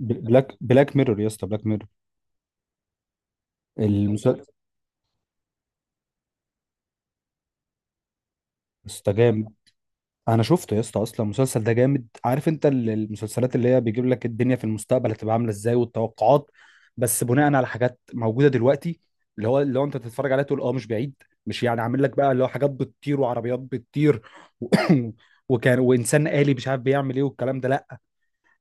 بلاك ميرور يا اسطى، بلاك ميرور. المسلسل ده جامد. انا شفته يا اسطى، اصلا المسلسل ده جامد. عارف انت المسلسلات اللي هي بيجيب لك الدنيا في المستقبل هتبقى عامله ازاي، والتوقعات بس بناء على حاجات موجوده دلوقتي، اللي هو انت تتفرج عليها تقول اه، مش بعيد. مش يعني عامل لك بقى اللي هو حاجات بتطير وعربيات بتطير و... وانسان آلي مش عارف بيعمل ايه والكلام ده، لا.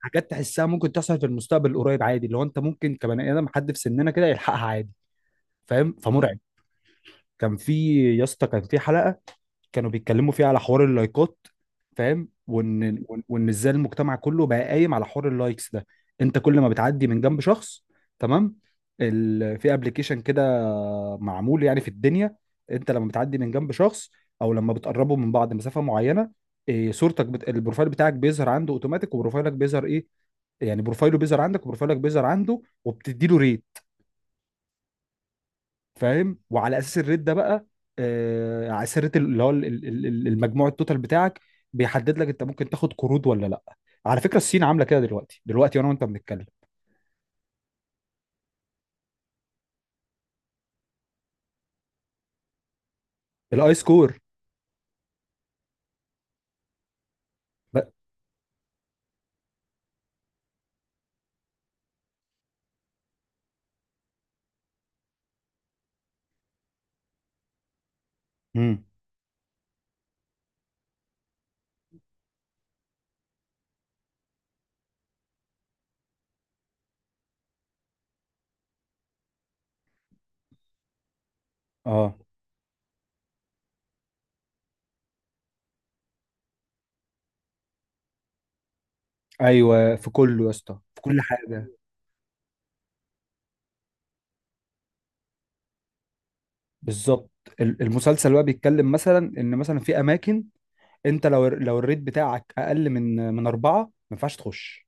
حاجات تحسها ممكن تحصل في المستقبل القريب عادي، اللي هو انت ممكن كبني ادم حد في سننا كده يلحقها عادي. فاهم، فمرعب. كان في، يا اسطى، كان في حلقه كانوا بيتكلموا فيه على حوار اللايكات، فاهم؟ وان وان وإن ازاي المجتمع كله بقى قايم على حوار اللايكس ده. انت كل ما بتعدي من جنب شخص، تمام، في ابلكيشن كده معمول يعني في الدنيا، انت لما بتعدي من جنب شخص او لما بتقربوا من بعض مسافة معينة، إيه، صورتك البروفايل بتاعك بيظهر عنده اوتوماتيك، وبروفايلك بيظهر ايه يعني، بروفايله بيظهر عندك وبروفايلك بيظهر عنده وبتدي له ريت. فاهم؟ وعلى اساس الريت ده بقى، آه، على اساس الريت، اللي هو المجموع التوتال بتاعك بيحدد لك انت ممكن تاخد قروض ولا لا. على فكره الصين عامله كده دلوقتي، دلوقتي وانا وانت بنتكلم. الاي سكور. ب... مم. اه، ايوه، في كله يا اسطى، في كل حاجه. بالظبط. المسلسل بقى بيتكلم مثلا ان مثلا في اماكن، انت لو الريت بتاعك اقل من 4 ما ينفعش تخش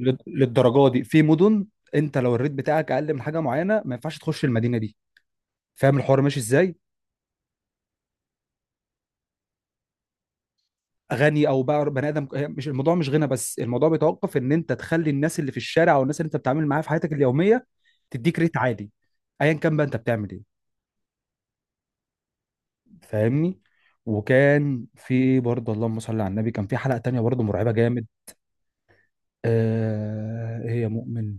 للدرجه دي. في مدن انت لو الريت بتاعك اقل من حاجه معينه ما ينفعش تخش المدينه دي، فاهم الحوار ماشي ازاي؟ غني او بقى بني ادم، هي مش الموضوع، مش غنى بس، الموضوع بيتوقف ان انت تخلي الناس اللي في الشارع او الناس اللي انت بتتعامل معاها في حياتك اليوميه تديك ريت عالي، ايا كان بقى انت بتعمل ايه. فاهمني؟ وكان في برضه، اللهم صل على النبي، كان في حلقه تانية برضه مرعبه جامد. آه، هي مؤمن.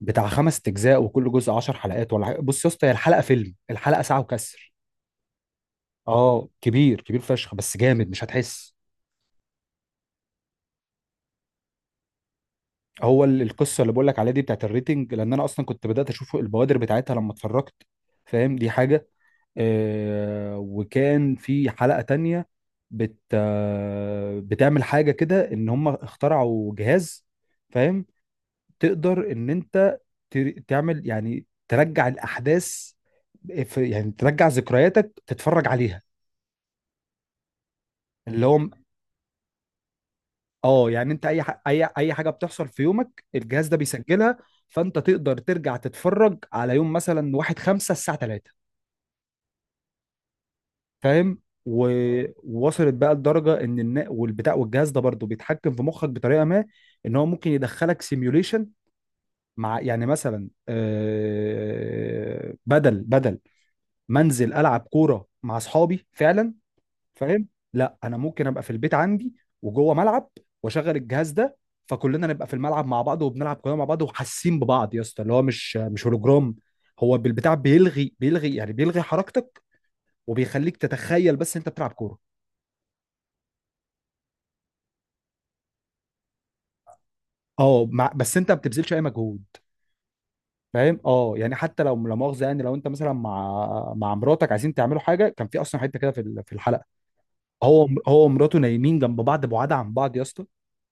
بتاع 5 اجزاء وكل جزء 10 حلقات ولا حاجة. بص يا اسطى، هي الحلقه فيلم، الحلقه ساعه وكسر. اه، كبير كبير فشخ، بس جامد مش هتحس. هو القصه اللي بقول لك عليها دي بتاعت الريتنج، لان انا اصلا كنت بدات اشوف البوادر بتاعتها لما اتفرجت، فاهم؟ دي حاجه. آه، وكان في حلقه تانية بت آه بتعمل حاجه كده، ان هم اخترعوا جهاز، فاهم؟ تقدر ان انت تعمل يعني، ترجع الاحداث، في يعني، ترجع ذكرياتك تتفرج عليها. اللي هو، اه يعني، انت اي ح... اي اي حاجه بتحصل في يومك الجهاز ده بيسجلها، فانت تقدر ترجع تتفرج على يوم مثلا 1 5 الساعه 3، فاهم؟ ووصلت بقى لدرجه ان والبتاع، والجهاز ده برضه بيتحكم في مخك بطريقه ما، ان هو ممكن يدخلك سيميوليشن مع، يعني مثلا بدل منزل العب كوره مع اصحابي فعلا، فاهم؟ لا، انا ممكن ابقى في البيت عندي وجوه ملعب، واشغل الجهاز ده فكلنا نبقى في الملعب مع بعض وبنلعب كلنا مع بعض وحاسين ببعض يا اسطى، اللي هو مش هولوجرام، هو بالبتاع بيلغي يعني بيلغي حركتك وبيخليك تتخيل بس انت بتلعب كوره. اه، مع بس انت ما بتبذلش اي مجهود، فاهم؟ اه يعني حتى لو، لا مؤاخذه يعني، لو انت مثلا مع مراتك عايزين تعملوا حاجه، كان في اصلا حته كده في الحلقه، هو هو ومراته نايمين جنب بعض، بعاد عن بعض يا اسطى،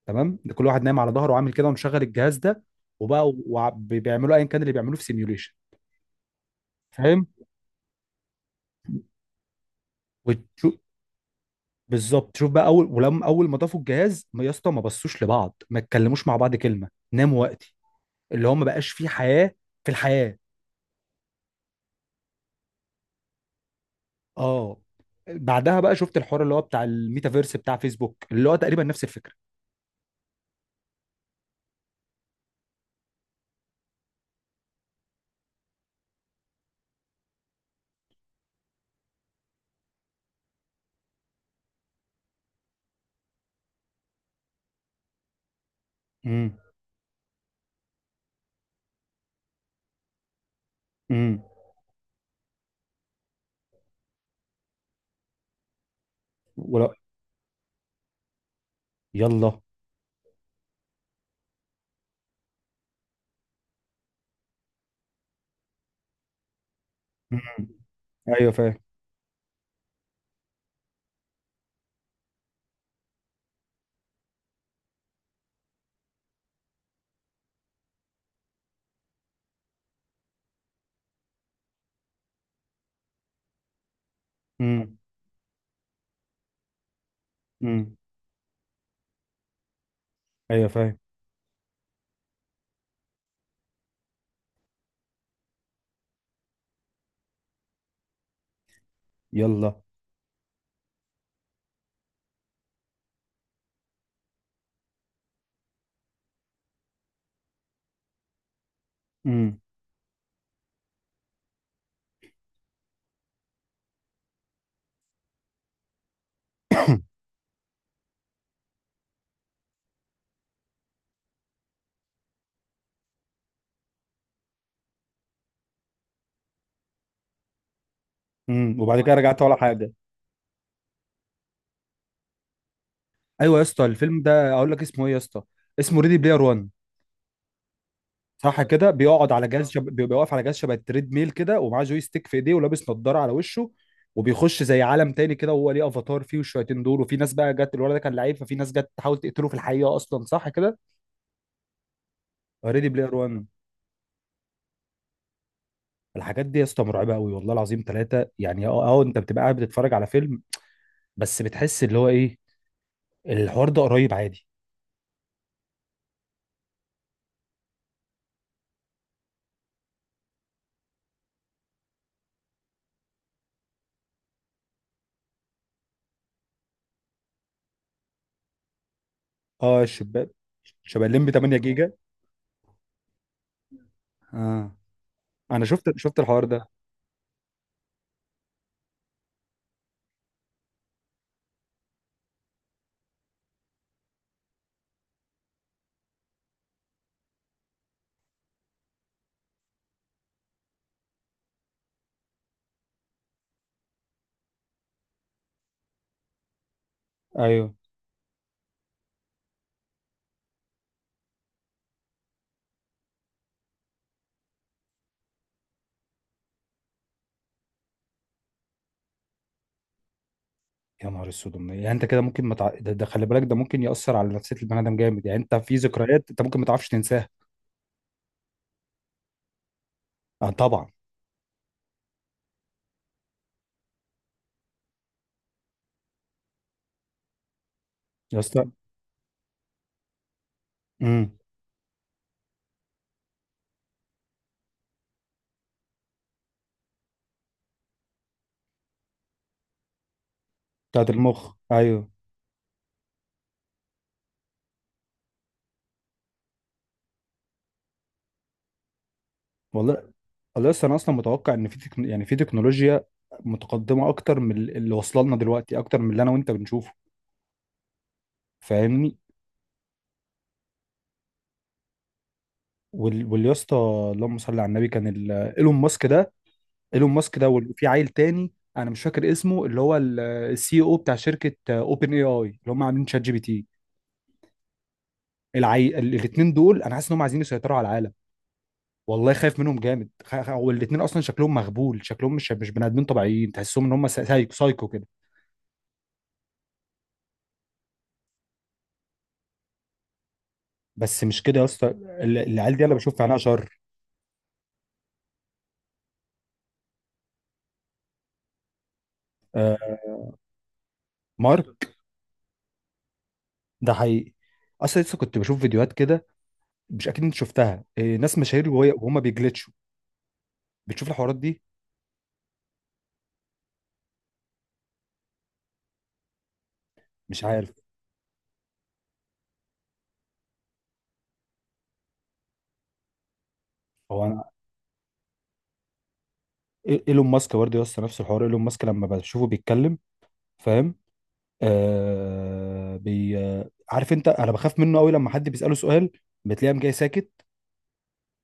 تمام؟ ده كل واحد نايم على ظهره وعامل كده ومشغل الجهاز ده، وبقى بيعملوا ايا كان اللي بيعملوه في سيميوليشن. فاهم؟ وتشوف، بالظبط. شوف بقى، اول ولما اول ما ضافوا الجهاز، يا اسطى، ما بصوش لبعض، ما اتكلموش مع بعض كلمه، ناموا وقتي، اللي هو ما بقاش فيه حياه في الحياه. اه. بعدها بقى شفت الحوار اللي هو بتاع الميتافيرس بتاع فيسبوك اللي هو تقريبا نفس الفكره. امم. امم. ولا. يلا. امم. ايوه فاهم. امم. امم. ايوه فاهم. يلا. امم. امم، وبعد كده رجعت ولا حاجه؟ ايوه يا اسطى، الفيلم ده اقول لك اسمه ايه يا اسطى؟ اسمه ريدي بلاير 1. صح كده، بيقعد على جهاز بيبقى واقف على جهاز شبه التريد ميل كده ومعاه جوي ستيك في ايديه ولابس نضاره على وشه، وبيخش زي عالم تاني كده، وهو ليه افاتار فيه والشياطين دول، وفي ناس بقى جت، الولد ده كان لعيب ففي ناس جت تحاول تقتله في الحقيقه اصلا، صح كده؟ ريدي بلاير 1. الحاجات دي يا اسطى مرعبه قوي والله العظيم ثلاثه، يعني انت بتبقى قاعد بتتفرج على فيلم بس بتحس اللي هو ايه، الحوار ده قريب عادي. اه، شباب الليمبي 8 جيجا. اه، انا شفت الحوار ده. ايوه. يا نهار اسود، يعني انت كده ممكن ما متع... ده خلي بالك، ده ممكن يأثر على نفسية البني ادم جامد، يعني انت في ذكريات انت ممكن ما تعرفش تنساها. اه طبعا. يا اسطى. امم. بتاعت المخ، ايوه. والله. والله لسه انا اصلا متوقع ان في يعني في تكنولوجيا متقدمة اكتر من اللي واصله لنا دلوقتي، اكتر من اللي انا وانت بنشوفه. فاهمني؟ واليا اسطى، اللهم صل على النبي، كان ايلون ماسك ده، ايلون ماسك ده وفي عيل تاني انا مش فاكر اسمه، اللي هو السي او بتاع شركة اوبن اي اي اللي هم عاملين شات جي بي تي. الاثنين دول انا حاسس ان هم عايزين يسيطروا على العالم، والله خايف منهم جامد. هو الاثنين اصلا شكلهم مغبول، شكلهم مش بني ادمين طبيعيين، تحسهم ان هم سايكو سايكو كده. بس مش كده يا اسطى، العيال دي انا بشوف في عينها شر. آه، مارك ده حقيقي، اصلا لسه كنت بشوف فيديوهات كده، مش اكيد انت شفتها، آه، ناس مشاهير وهم بيجلتشوا، بتشوف الحوارات دي؟ مش عارف. هو انا. ايلون ماسك برضه يا اسطى نفس الحوار، ايلون ماسك لما بشوفه بيتكلم، فاهم؟ آه بي آه، عارف انت، انا بخاف منه قوي. لما حد بيساله سؤال بتلاقيه قام جاي ساكت،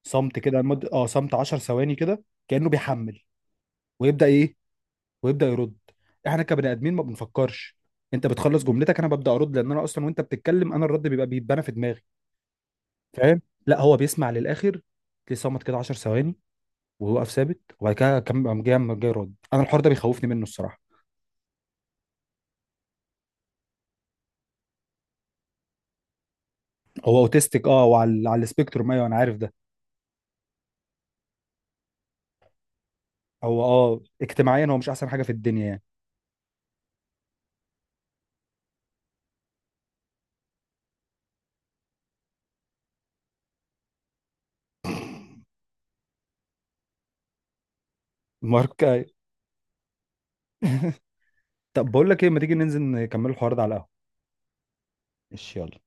صمت كده، مد... اه صمت 10 ثواني كده كانه بيحمل، ويبدا ايه، ويبدا يرد. احنا كبني ادمين ما بنفكرش، انت بتخلص جملتك انا ببدا ارد، لان انا اصلا وانت بتتكلم انا الرد بيبقى بيتبنى في دماغي، فاهم؟ لا، هو بيسمع للاخر، تلاقيه صمت كده 10 ثواني ويوقف ثابت، وبعد كده كم قام جاي يرد. انا الحوار ده بيخوفني منه الصراحه. هو اوتيستيك، اه، وعلى السبيكتروم، ايوه انا عارف ده. هو، اه، اجتماعيا هو مش احسن حاجه في الدنيا يعني. ماركاي. طب بقول لك ايه، ما تيجي ننزل نكمل الحوار ده على القهوة. ماشي، يلا.